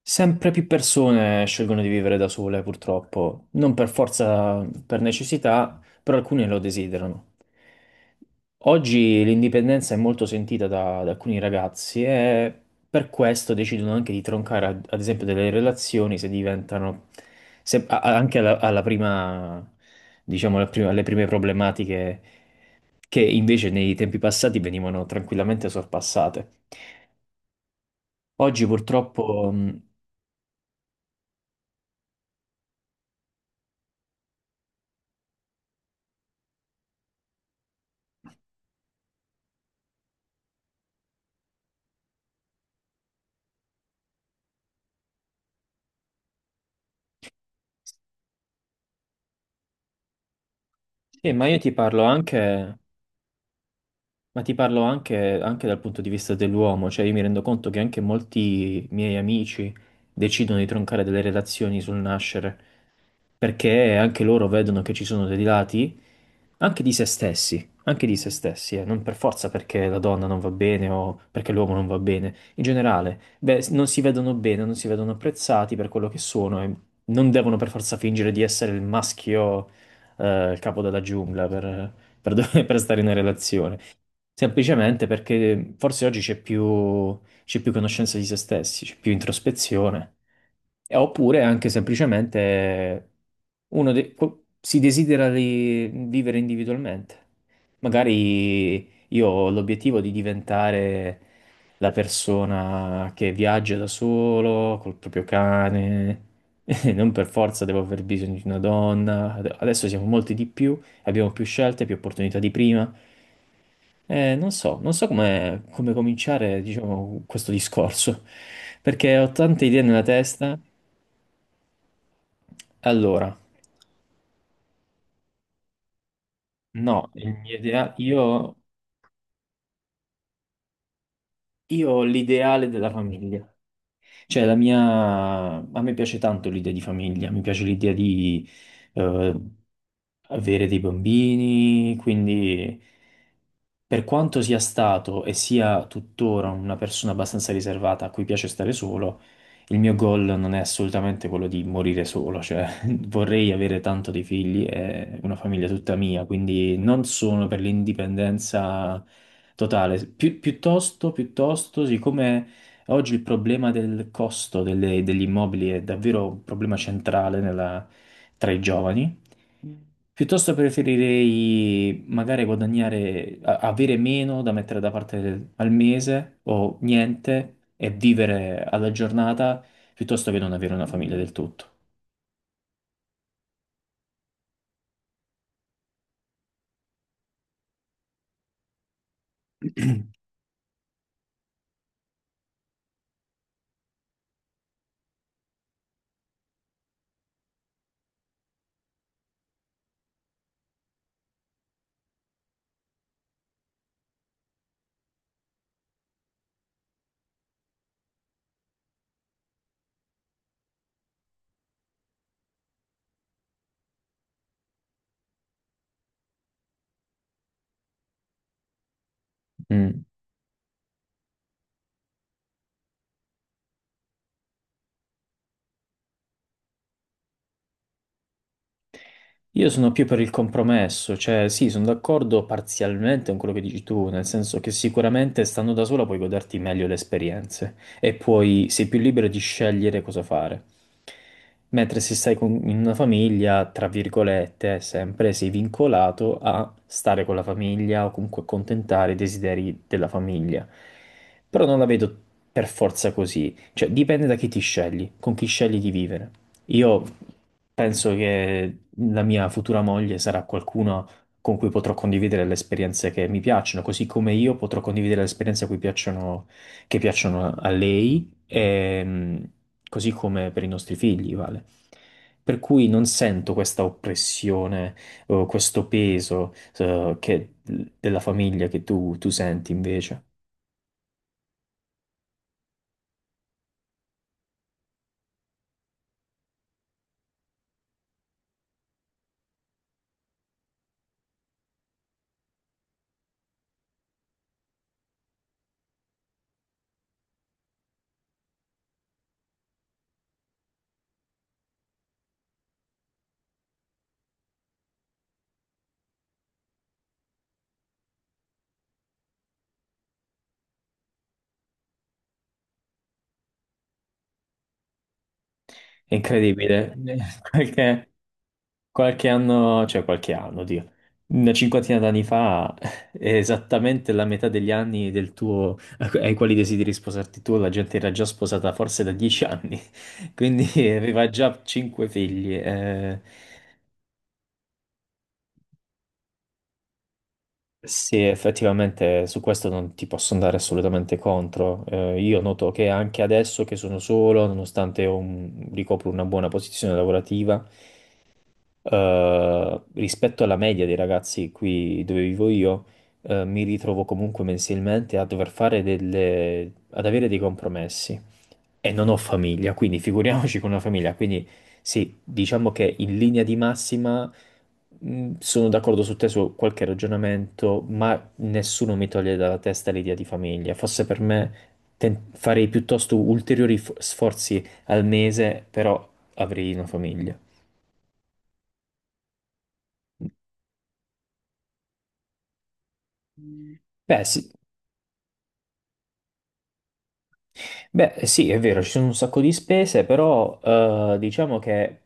Sempre più persone scelgono di vivere da sole, purtroppo, non per forza, per necessità, però alcune lo desiderano. Oggi l'indipendenza è molto sentita da alcuni ragazzi e per questo decidono anche di troncare, ad esempio, delle relazioni se diventano, anche alla prima, diciamo, alle prime problematiche che invece nei tempi passati venivano tranquillamente sorpassate. Oggi purtroppo. Sì, ma ti parlo anche dal punto di vista dell'uomo. Cioè, io mi rendo conto che anche molti miei amici decidono di troncare delle relazioni sul nascere, perché anche loro vedono che ci sono dei lati anche di se stessi, non per forza perché la donna non va bene o perché l'uomo non va bene, in generale. Beh, non si vedono bene, non si vedono apprezzati per quello che sono e non devono per forza fingere di essere il maschio, il capo della giungla per per stare in una relazione. Semplicemente perché forse oggi c'è più conoscenza di se stessi, c'è più introspezione, e oppure anche semplicemente si desidera di vivere individualmente. Magari io ho l'obiettivo di diventare la persona che viaggia da solo, col proprio cane, non per forza devo aver bisogno di una donna, adesso siamo molti di più, abbiamo più scelte, più opportunità di prima. Non so come cominciare, diciamo, questo discorso, perché ho tante idee nella testa. Allora, no, io ho l'ideale della famiglia. Cioè, a me piace tanto l'idea di famiglia, mi piace l'idea di eh, avere dei bambini, quindi per quanto sia stato e sia tuttora una persona abbastanza riservata a cui piace stare solo, il mio goal non è assolutamente quello di morire solo, cioè vorrei avere tanto dei figli e una famiglia tutta mia. Quindi non sono per l'indipendenza totale. Piuttosto, siccome oggi il problema del costo degli immobili è davvero un problema centrale tra i giovani, piuttosto preferirei magari guadagnare, avere meno da mettere da parte al mese o niente e vivere alla giornata, piuttosto che non avere una famiglia del tutto. Mm. Io sono più per il compromesso. Cioè, sì, sono d'accordo parzialmente con quello che dici tu, nel senso che sicuramente stando da sola puoi goderti meglio le esperienze e puoi, sei più libero di scegliere cosa fare. Mentre se stai in una famiglia, tra virgolette, sempre sei vincolato a stare con la famiglia o comunque accontentare i desideri della famiglia. Però non la vedo per forza così, cioè dipende da chi ti scegli, con chi scegli di vivere. Io penso che la mia futura moglie sarà qualcuno con cui potrò condividere le esperienze che mi piacciono, così come io potrò condividere le esperienze a cui piacciono, che piacciono a lei, e, così come per i nostri figli, vale. Per cui non sento questa oppressione o questo peso, eh, che- della famiglia che tu senti invece. È incredibile. Qualche anno, cioè qualche anno, Dio, una cinquantina d'anni fa, esattamente la metà degli anni del tuo, ai quali desideri sposarti tu, la gente era già sposata forse da 10 anni, quindi aveva già cinque figli. Sì, effettivamente su questo non ti posso andare assolutamente contro. Io noto che anche adesso che sono solo, nonostante ho ricopro una buona posizione lavorativa, rispetto alla media dei ragazzi qui dove vivo io, mi ritrovo comunque mensilmente a dover fare ad avere dei compromessi. E non ho famiglia, quindi figuriamoci con una famiglia. Quindi sì, diciamo che in linea di massima sono d'accordo su te su qualche ragionamento, ma nessuno mi toglie dalla testa l'idea di famiglia. Forse per me farei piuttosto ulteriori sforzi al mese, però avrei una famiglia. Beh, sì. Beh, sì, è vero, ci sono un sacco di spese, però diciamo che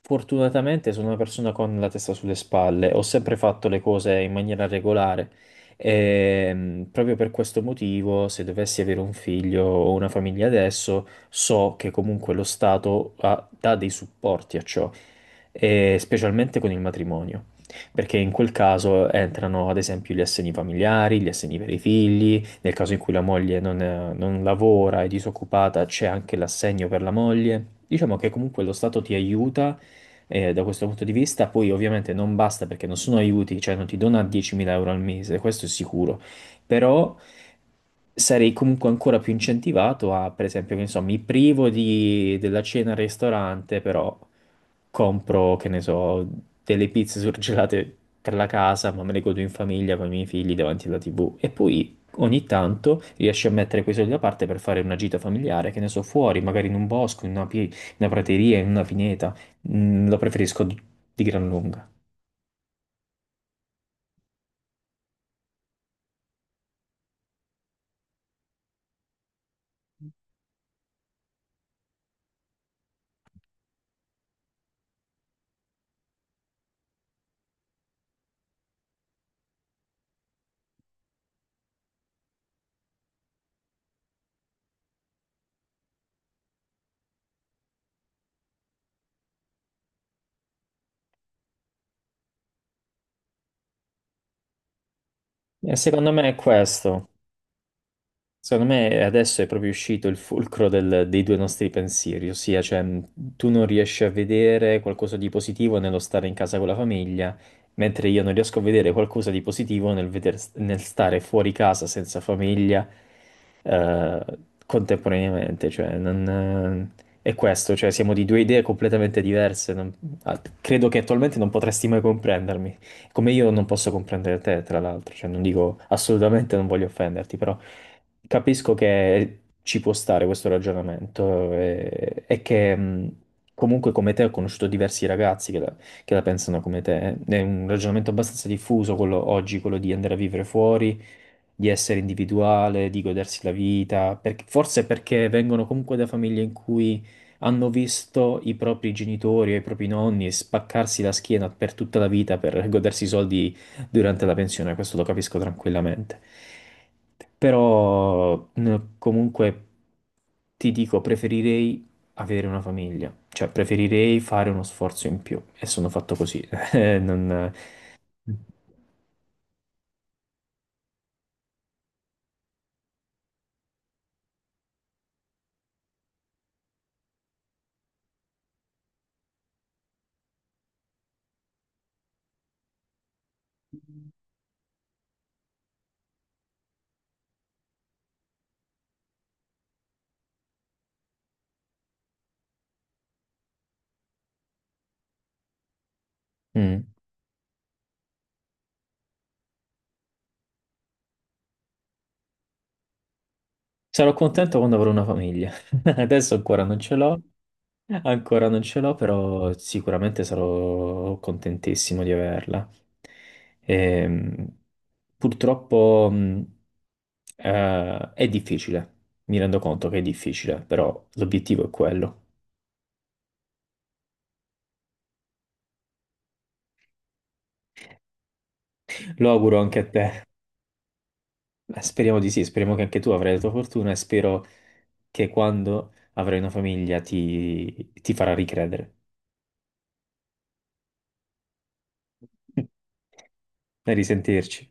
fortunatamente sono una persona con la testa sulle spalle, ho sempre fatto le cose in maniera regolare e proprio per questo motivo, se dovessi avere un figlio o una famiglia adesso, so che comunque lo Stato dà dei supporti a ciò, e specialmente con il matrimonio. Perché in quel caso entrano ad esempio gli assegni familiari, gli assegni per i figli, nel caso in cui la moglie non lavora, è disoccupata, c'è anche l'assegno per la moglie. Diciamo che comunque lo Stato ti aiuta da questo punto di vista, poi ovviamente non basta perché non sono aiuti, cioè non ti dona 10.000 euro al mese, questo è sicuro. Però sarei comunque ancora più incentivato a, per esempio, che ne so, mi privo della cena al ristorante, però compro, che ne so, delle pizze surgelate per la casa, ma me le godo in famiglia con i miei figli davanti alla TV. E poi ogni tanto riesci a mettere quei soldi da parte per fare una gita familiare, che ne so, fuori, magari in un bosco, in una, in una prateria, in una pineta. Lo preferisco di gran lunga. E secondo me è questo. Secondo me adesso è proprio uscito il fulcro dei due nostri pensieri, ossia, cioè, tu non riesci a vedere qualcosa di positivo nello stare in casa con la famiglia, mentre io non riesco a vedere qualcosa di positivo nel, nel stare fuori casa senza famiglia, eh, contemporaneamente. Cioè, non, è questo, cioè, siamo di due idee completamente diverse. Credo che attualmente non potresti mai comprendermi, come io non posso comprendere te, tra l'altro. Cioè, non dico, assolutamente non voglio offenderti, però capisco che ci può stare questo ragionamento, che comunque come te ho conosciuto diversi ragazzi che la pensano come te. È un ragionamento abbastanza diffuso quello oggi, quello di andare a vivere fuori, di essere individuale, di godersi la vita, forse perché vengono comunque da famiglie in cui hanno visto i propri genitori o i propri nonni spaccarsi la schiena per tutta la vita per godersi i soldi durante la pensione. Questo lo capisco tranquillamente. Però comunque ti dico, preferirei avere una famiglia, cioè preferirei fare uno sforzo in più, e sono fatto così. Eh, non- Mm. Sarò contento quando avrò una famiglia. Adesso ancora non ce l'ho, ancora non ce l'ho, però sicuramente sarò contentissimo di averla. Ehm, purtroppo è difficile, mi rendo conto che è difficile, però l'obiettivo è quello. Lo auguro anche a te. Speriamo di sì, speriamo che anche tu avrai la tua fortuna e spero che quando avrai una famiglia ti farà ricredere. A risentirci.